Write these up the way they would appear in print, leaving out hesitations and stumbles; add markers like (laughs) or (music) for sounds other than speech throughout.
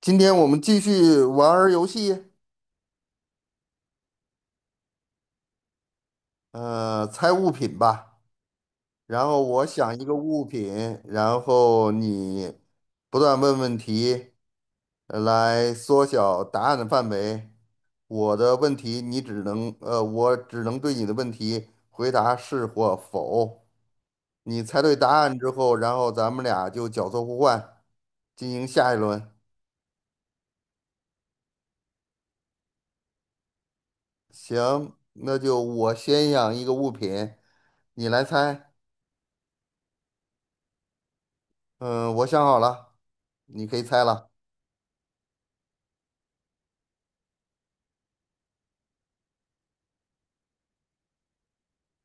今天我们继续玩儿游戏，猜物品吧。然后我想一个物品，然后你不断问问题，来缩小答案的范围。我的问题你只能，呃，我只能对你的问题回答是或否。你猜对答案之后，然后咱们俩就角色互换，进行下一轮。行，那就我先想一个物品，你来猜。嗯，我想好了，你可以猜了。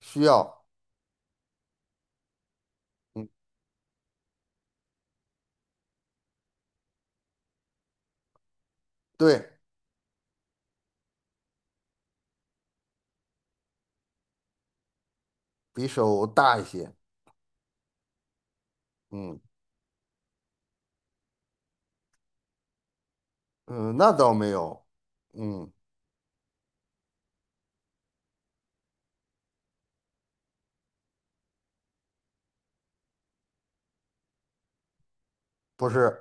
需要，嗯，对，比手大一些。嗯嗯，那倒没有。嗯，不是，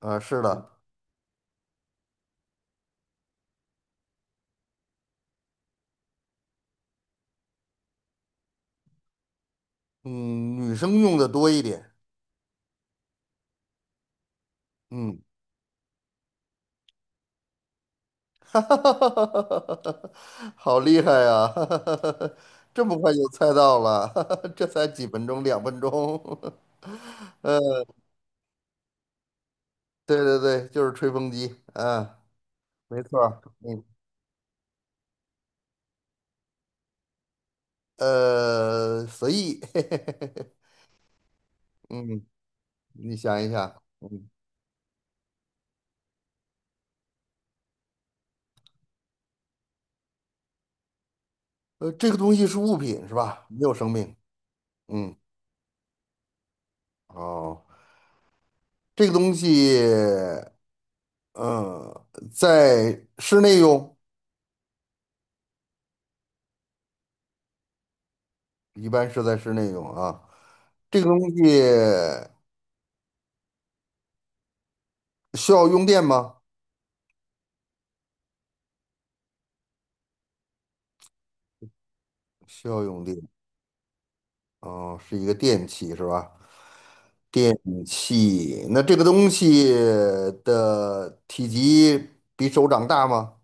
是的，嗯，女生用的多一点。嗯，(laughs) 哈哈哈哈哈哈，好厉害呀！(laughs) 哈哈哈哈，这么快就猜到了，(laughs) 哈哈，这才几分钟，两分钟。(laughs) 呃，对对对，就是吹风机。嗯，没错儿随意。(laughs) 嗯。你想一想，这个东西是物品是吧？没有生命。嗯，哦，这个东西，嗯，在室内用，一般是在室内用啊。这个东西需要用电吗？需要用电。哦，是一个电器是吧？电器。那这个东西的体积比手掌大吗？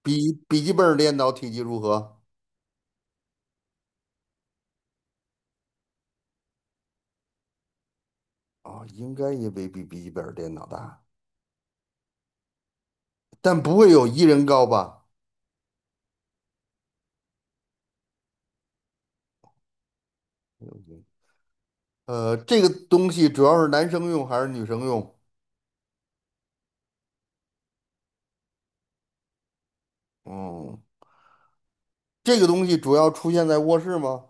比笔记本儿电脑体积如何？哦，应该也没比笔记本儿电脑大。但不会有一人高吧？这个东西主要是男生用还是女生用？嗯，这个东西主要出现在卧室吗？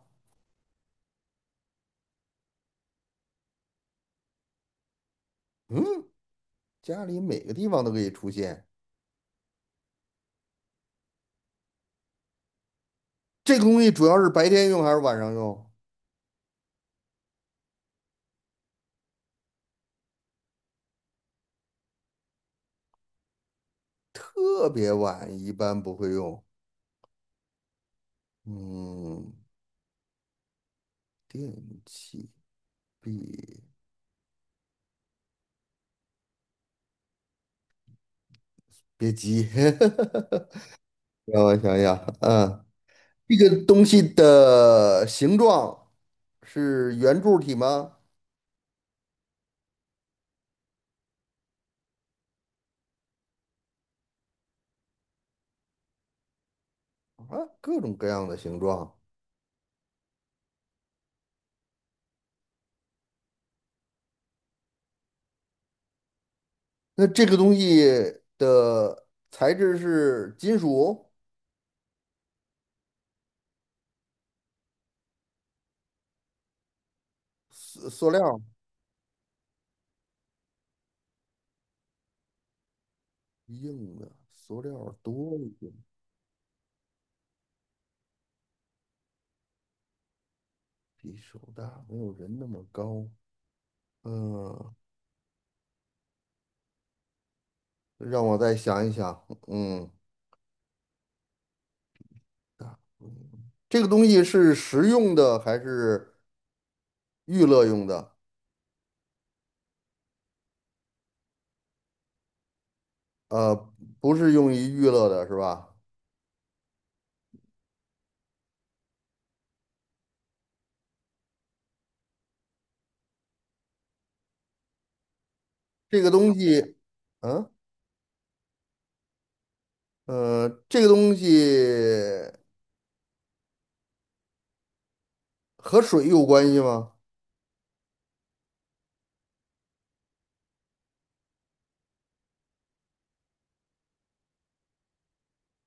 嗯，家里每个地方都可以出现。这个东西主要是白天用还是晚上用？特别晚一般不会用。嗯，电器别别急，(laughs) 让我想想，这个东西的形状是圆柱体吗？啊，各种各样的形状。那这个东西的材质是金属、塑料、硬的，塑料多一点，比手大，没有人那么高。嗯，让我再想一想。嗯，这个东西是食用的还是娱乐用的？呃，不是用于娱乐的，是吧？这个东西，嗯，呃，这个东西和水有关系吗？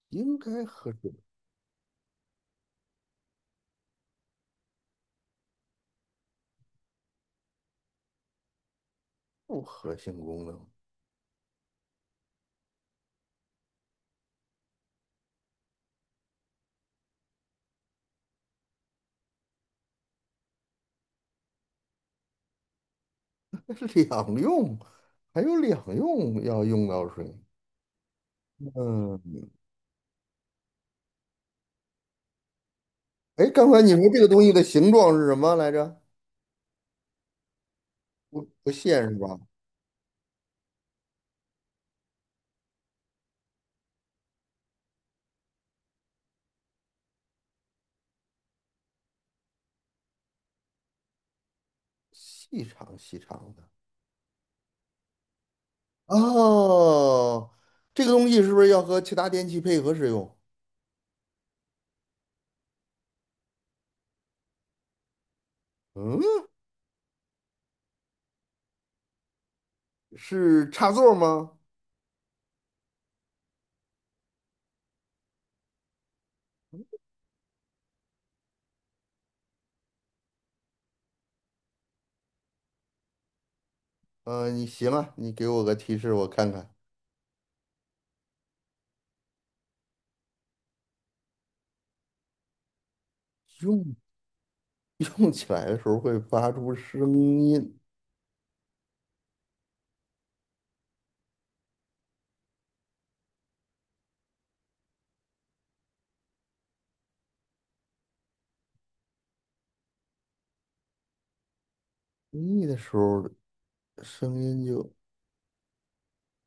应该和水。复合性功能，(laughs) 那是两用，还有两用要用到水。嗯，哎，刚才你说这个东西的形状是什么来着？不线是吧？细长细长的。哦，这个东西是不是要和其他电器配合使用？嗯，是插座吗？嗯、你行啊，你给我个提示，我看看。用用起来的时候会发出声音，用力的时候声音就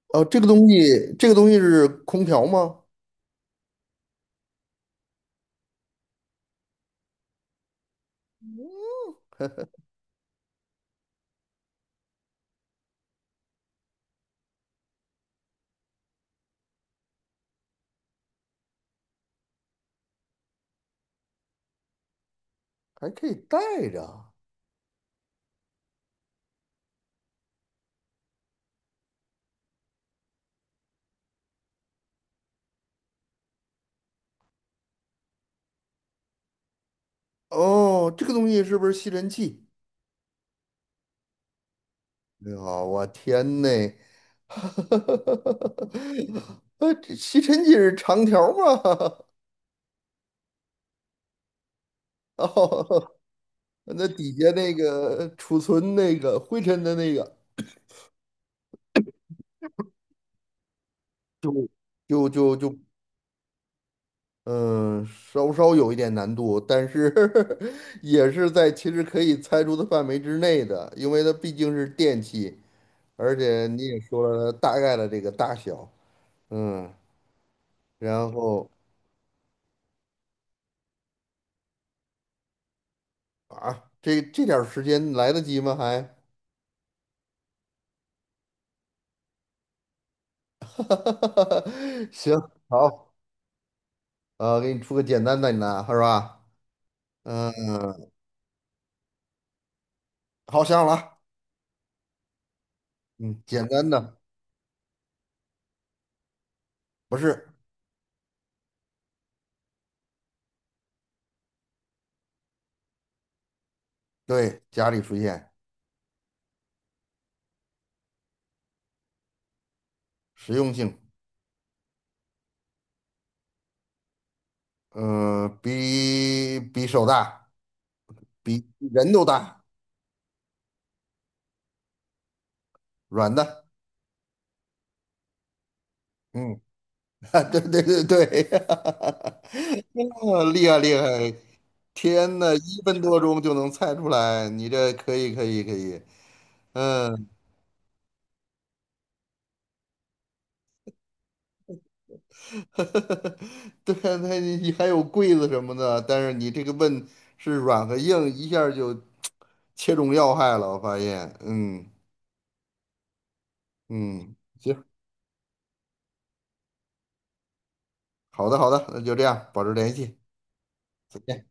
哦，这个东西是空调吗？还可以带着啊。哦，这个东西是不是吸尘器？哎呀，我天呐！(laughs) 这吸尘器是长条儿吗？(laughs) 哦，那底下那个储存那个灰尘的那个，就就就，嗯，稍稍有一点难度，但是 (laughs) 也是在其实可以猜出的范围之内的，因为它毕竟是电器。而且你也说了它大概的这个大小，嗯，然后啊，这点儿时间来得及吗？还，(laughs) 行，好，给你出个简单的呢，是吧？嗯，好想好了，嗯，简单的不是，对，家里出现实用性，嗯、比手大，比人都大，软的，嗯。(laughs) 啊，对对对对，(laughs) 哦厉害厉害！天呐，一分多钟就能猜出来，你这可以可以可以，嗯，(laughs) 对啊，那你还有柜子什么的，但是你这个问是软和硬，一下儿就切中要害了，我发现，嗯嗯，行，好的好的，那就这样，保持联系，再见。